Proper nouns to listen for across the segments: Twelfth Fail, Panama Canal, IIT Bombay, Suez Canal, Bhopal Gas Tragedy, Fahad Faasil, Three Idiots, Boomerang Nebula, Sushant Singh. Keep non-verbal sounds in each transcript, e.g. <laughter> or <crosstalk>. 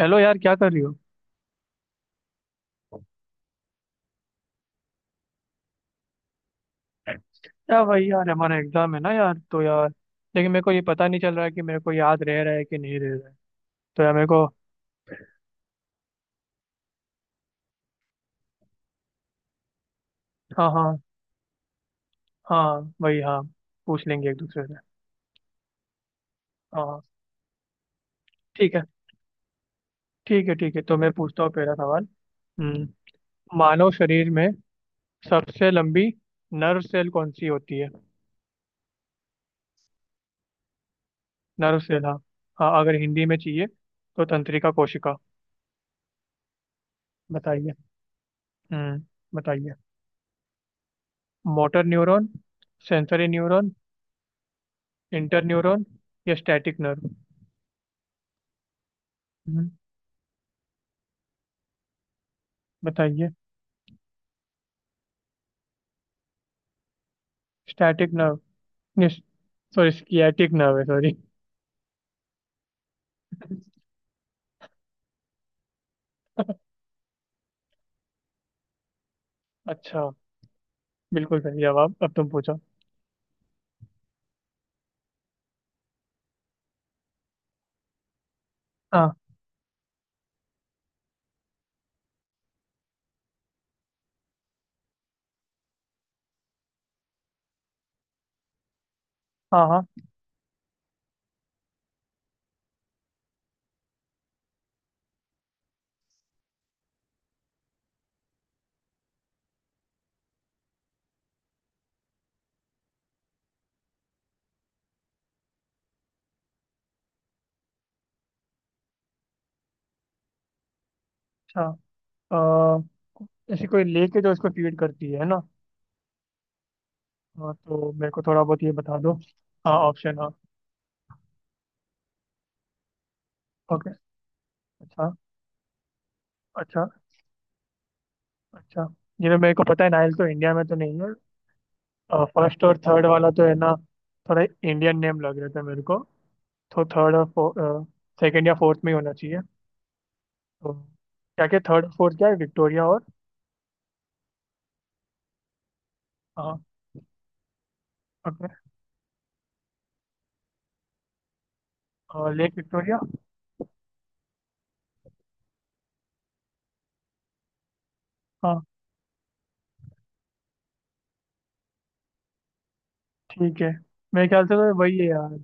Hello यार, क्या कर रही हो? यार भाई यार, हमारा एग्जाम है ना यार, तो यार, लेकिन मेरे को ये पता नहीं चल रहा है कि मेरे को याद रह रहा है कि नहीं रह रहा है। तो यार मेरे को। हाँ हाँ। हाँ भाई हाँ। पूछ लेंगे एक दूसरे से। हाँ हाँ। ठीक है, ठीक है ठीक है, तो मैं पूछता हूँ पहला सवाल। हम्म, मानव शरीर में सबसे लंबी नर्व सेल कौन सी होती है? नर्व सेल, हाँ। हाँ, अगर हिंदी में चाहिए तो तंत्रिका कोशिका। बताइए। हम्म। बताइए। Motor neuron, sensory neuron, interneuron या स्टैटिक नर्व। हम्म, बताइए। Static nerve, sorry sciatic nerve है, सॉरी। अच्छा। बिल्कुल सही जवाब, अब तुम पूछो। हाँ हाँ। हाँ। अच्छा। अ, ऐसी कोई लेक है जो इसको फीड करती है ना? हाँ तो मेरे को थोड़ा बहुत ये बता दो। हाँ, ऑप्शन, हाँ। ओके। अच्छा। अच्छा। अच्छा। जिन्हें मेरे को पता है, नाइल तो इंडिया में तो नहीं है। फर्स्ट और थर्ड वाला तो है ना, थोड़ा इंडियन नेम लग रहे थे मेरे को। तो थर्ड और सेकंड या फोर्थ में ही होना चाहिए। तो क्या क्या थर्ड फोर्थ क्या है, विक्टोरिया और? हाँ। ओके। और लेक विक्टोरिया। हाँ। ठीक है, मेरे ख्याल से तो वही है यार।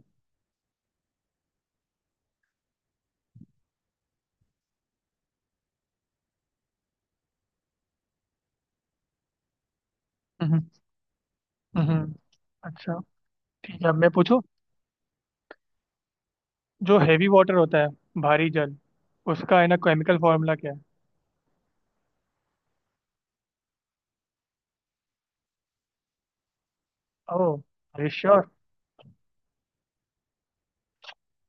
हम्म। हम्म, अच्छा। ठीक है, अब मैं पूछूं। जो हैवी वाटर होता है, भारी जल, उसका है ना केमिकल फॉर्मूला क्या है? ओ श्योर।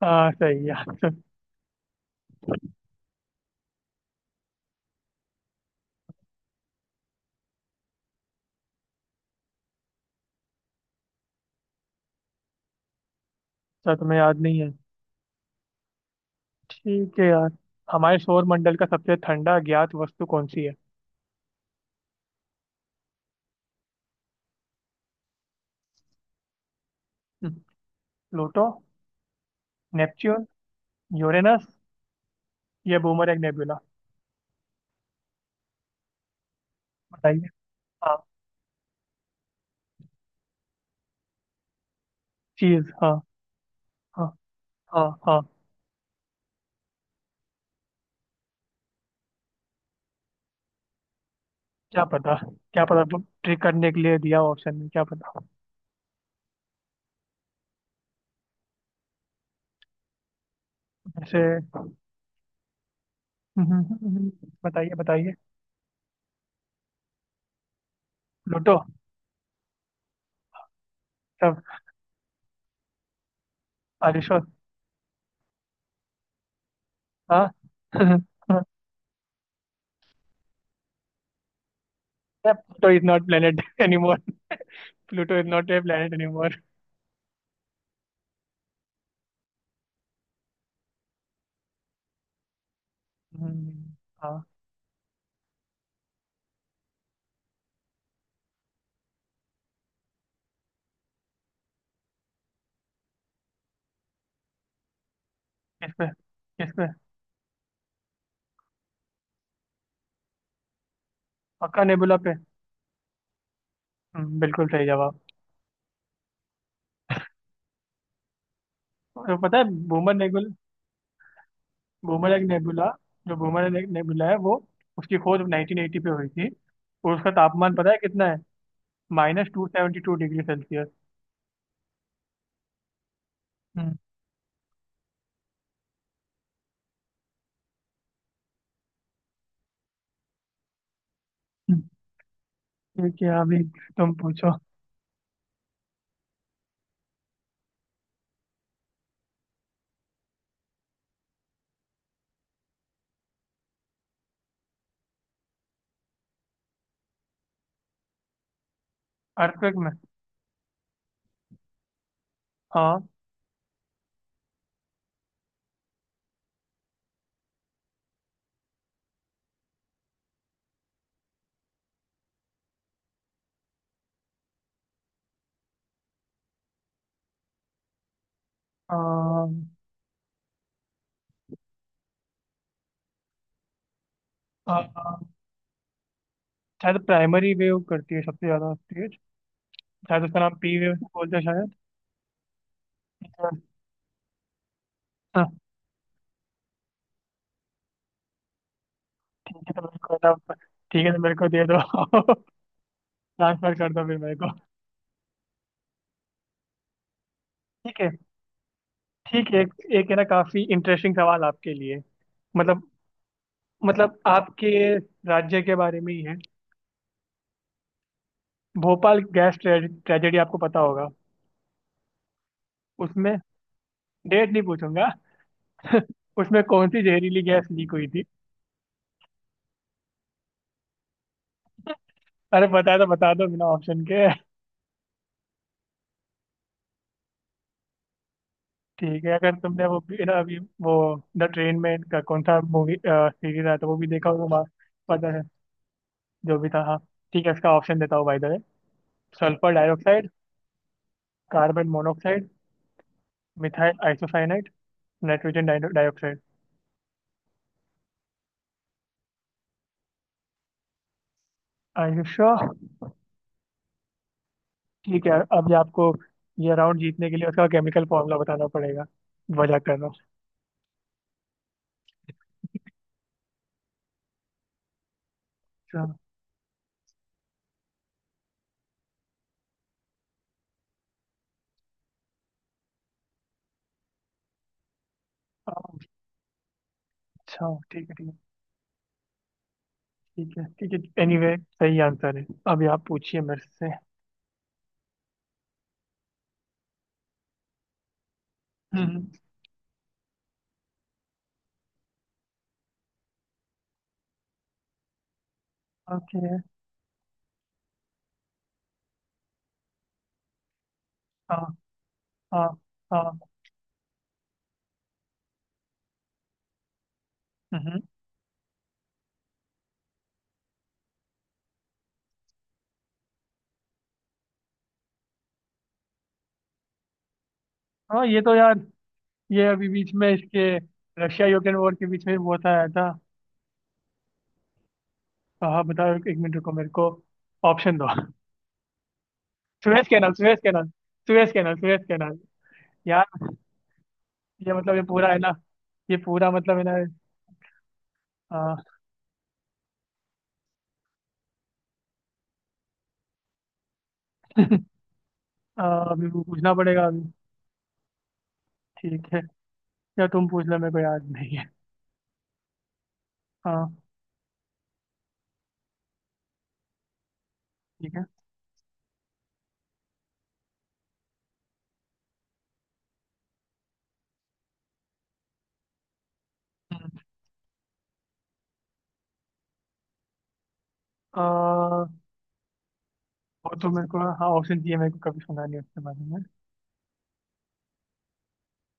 हाँ सही है, अच्छा। तुम्हें याद नहीं है? ठीक है यार। हमारे सौर मंडल का सबसे ठंडा ज्ञात वस्तु कौन सी है? हम्म, प्लूटो, नेपच्यून, यूरेनस या बूमरैंग नेबुला। बताइए। हाँ। चीज, हाँ। हाँ हाँ। हाँ। क्या पता, क्या पता वो ट्रिक करने के लिए दिया ऑप्शन में, क्या पता। ऐसे। हम्म, हम्म, हम्म, हम्म। बताइए बताइए। प्लूटो। सब अरिशो। हाँ। <laughs> Pluto is not planet anymore. Pluto is not a planet anymore. <laughs> हम्म, हाँ। किस पे? किस पे? पक्का नेबुला पे? बिल्कुल सही जवाब। तो पता है, बूमर नेबुला। बूमर एक नेबुला। जो बूमर एक नेबुला है, वो, उसकी खोज 1980 पे हुई थी। और उसका तापमान पता है कितना है? -72 डिग्री सेल्सियस। ठीक है, अभी तुम पूछो। अर्थक्वेक में। हाँ। अ, अ, शायद प्राइमरी वेव करती है सबसे ज्यादा तेज। शायद उसका नाम पी वेव बोलते हैं शायद। हाँ। ठीक है, तो मेरे को ना। ठीक है, तो मेरे को दे दो, ट्रांसफर कर दो फिर मेरे को। ठीक है ठीक है, एक, एक है ना काफी इंटरेस्टिंग सवाल आपके लिए। मतलब मतलब आपके राज्य के बारे में ही है। भोपाल गैस ट्रेजेडी आपको पता होगा। उसमें डेट नहीं पूछूंगा। <laughs> उसमें कौन सी जहरीली गैस लीक हुई थी? अरे पता है तो बता दो बिना ऑप्शन के। ठीक है, अगर तुमने वो भी- ना अभी वो द ट्रेन में का कौन सा मूवी सीरीज आया था वो भी देखा होगा। पता है, जो भी था, हाँ। ठीक है, इसका ऑप्शन देता हूँ by the way. Sulphur dioxide, carbon monoxide, methyl isocyanide, nitrogen dioxide. I, you sure? ठीक है, अब ये आपको ये राउंड जीतने के लिए उसका केमिकल फॉर्मूला बताना पड़ेगा। वजह कर रहा हूँ। अच्छा। अच्छा, ठीक है ठीक है। ठीक है ठीक है, एनीवे सही आंसर है। अभी आप पूछिए मेरे से। हम्म। ओके। हाँ हाँ हाँ। हम्म। हाँ, ये तो यार, ये अभी बीच में इसके रशिया यूक्रेन वॉर के बीच में वो होता आया था। हाँ हाँ, बताओ, एक मिनट रुको, मेरे को ऑप्शन दो। <laughs> Suez canal, Suez canal, Suez canal, Suez canal. यार, ये मतलब ये पूरा है ना, ये पूरा मतलब है ना। आ, आ, अभी वो पूछना पड़ेगा अभी। ठीक है, या तुम पूछ लो, मेरे को याद नहीं है। हाँ। ठीक है। हम्म, आ, वो तो मेरे को, हाँ ऑप्शन चाहिए, मेरे को कभी सुना नहीं उसके बारे में।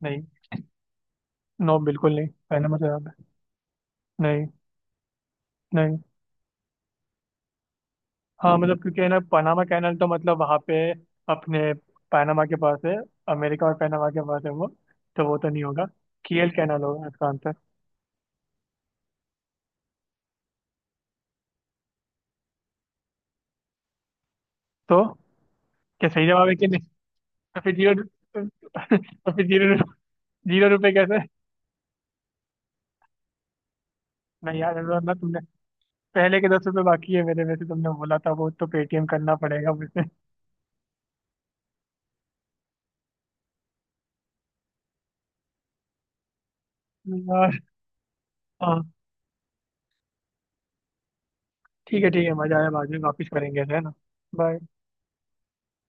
नहीं, नो, बिल्कुल नहीं, पहला मतलब याद है। नहीं नहीं। हाँ मतलब, क्योंकि है ना पनामा कैनल, तो मतलब वहाँ पे अपने पनामा के पास है, अमेरिका और पनामा के पास है वो। तो वो तो नहीं होगा, कियल कैनल होगा इसका आंसर। तो क्या सही जवाब है कि नहीं? तो फिर जीरो। तो फिर जीरो। जीरो रुपये कैसे? नहीं यार अनुराग, ना तुमने पहले के 10 रुपये बाकी है मेरे, वैसे तुमने बोला था वो तो पेटीएम करना पड़ेगा मुझसे। <laughs> यार। हाँ। ठीक है ठीक है, मजा आया, बाद में वापिस करेंगे ऐसे, है ना? बाय।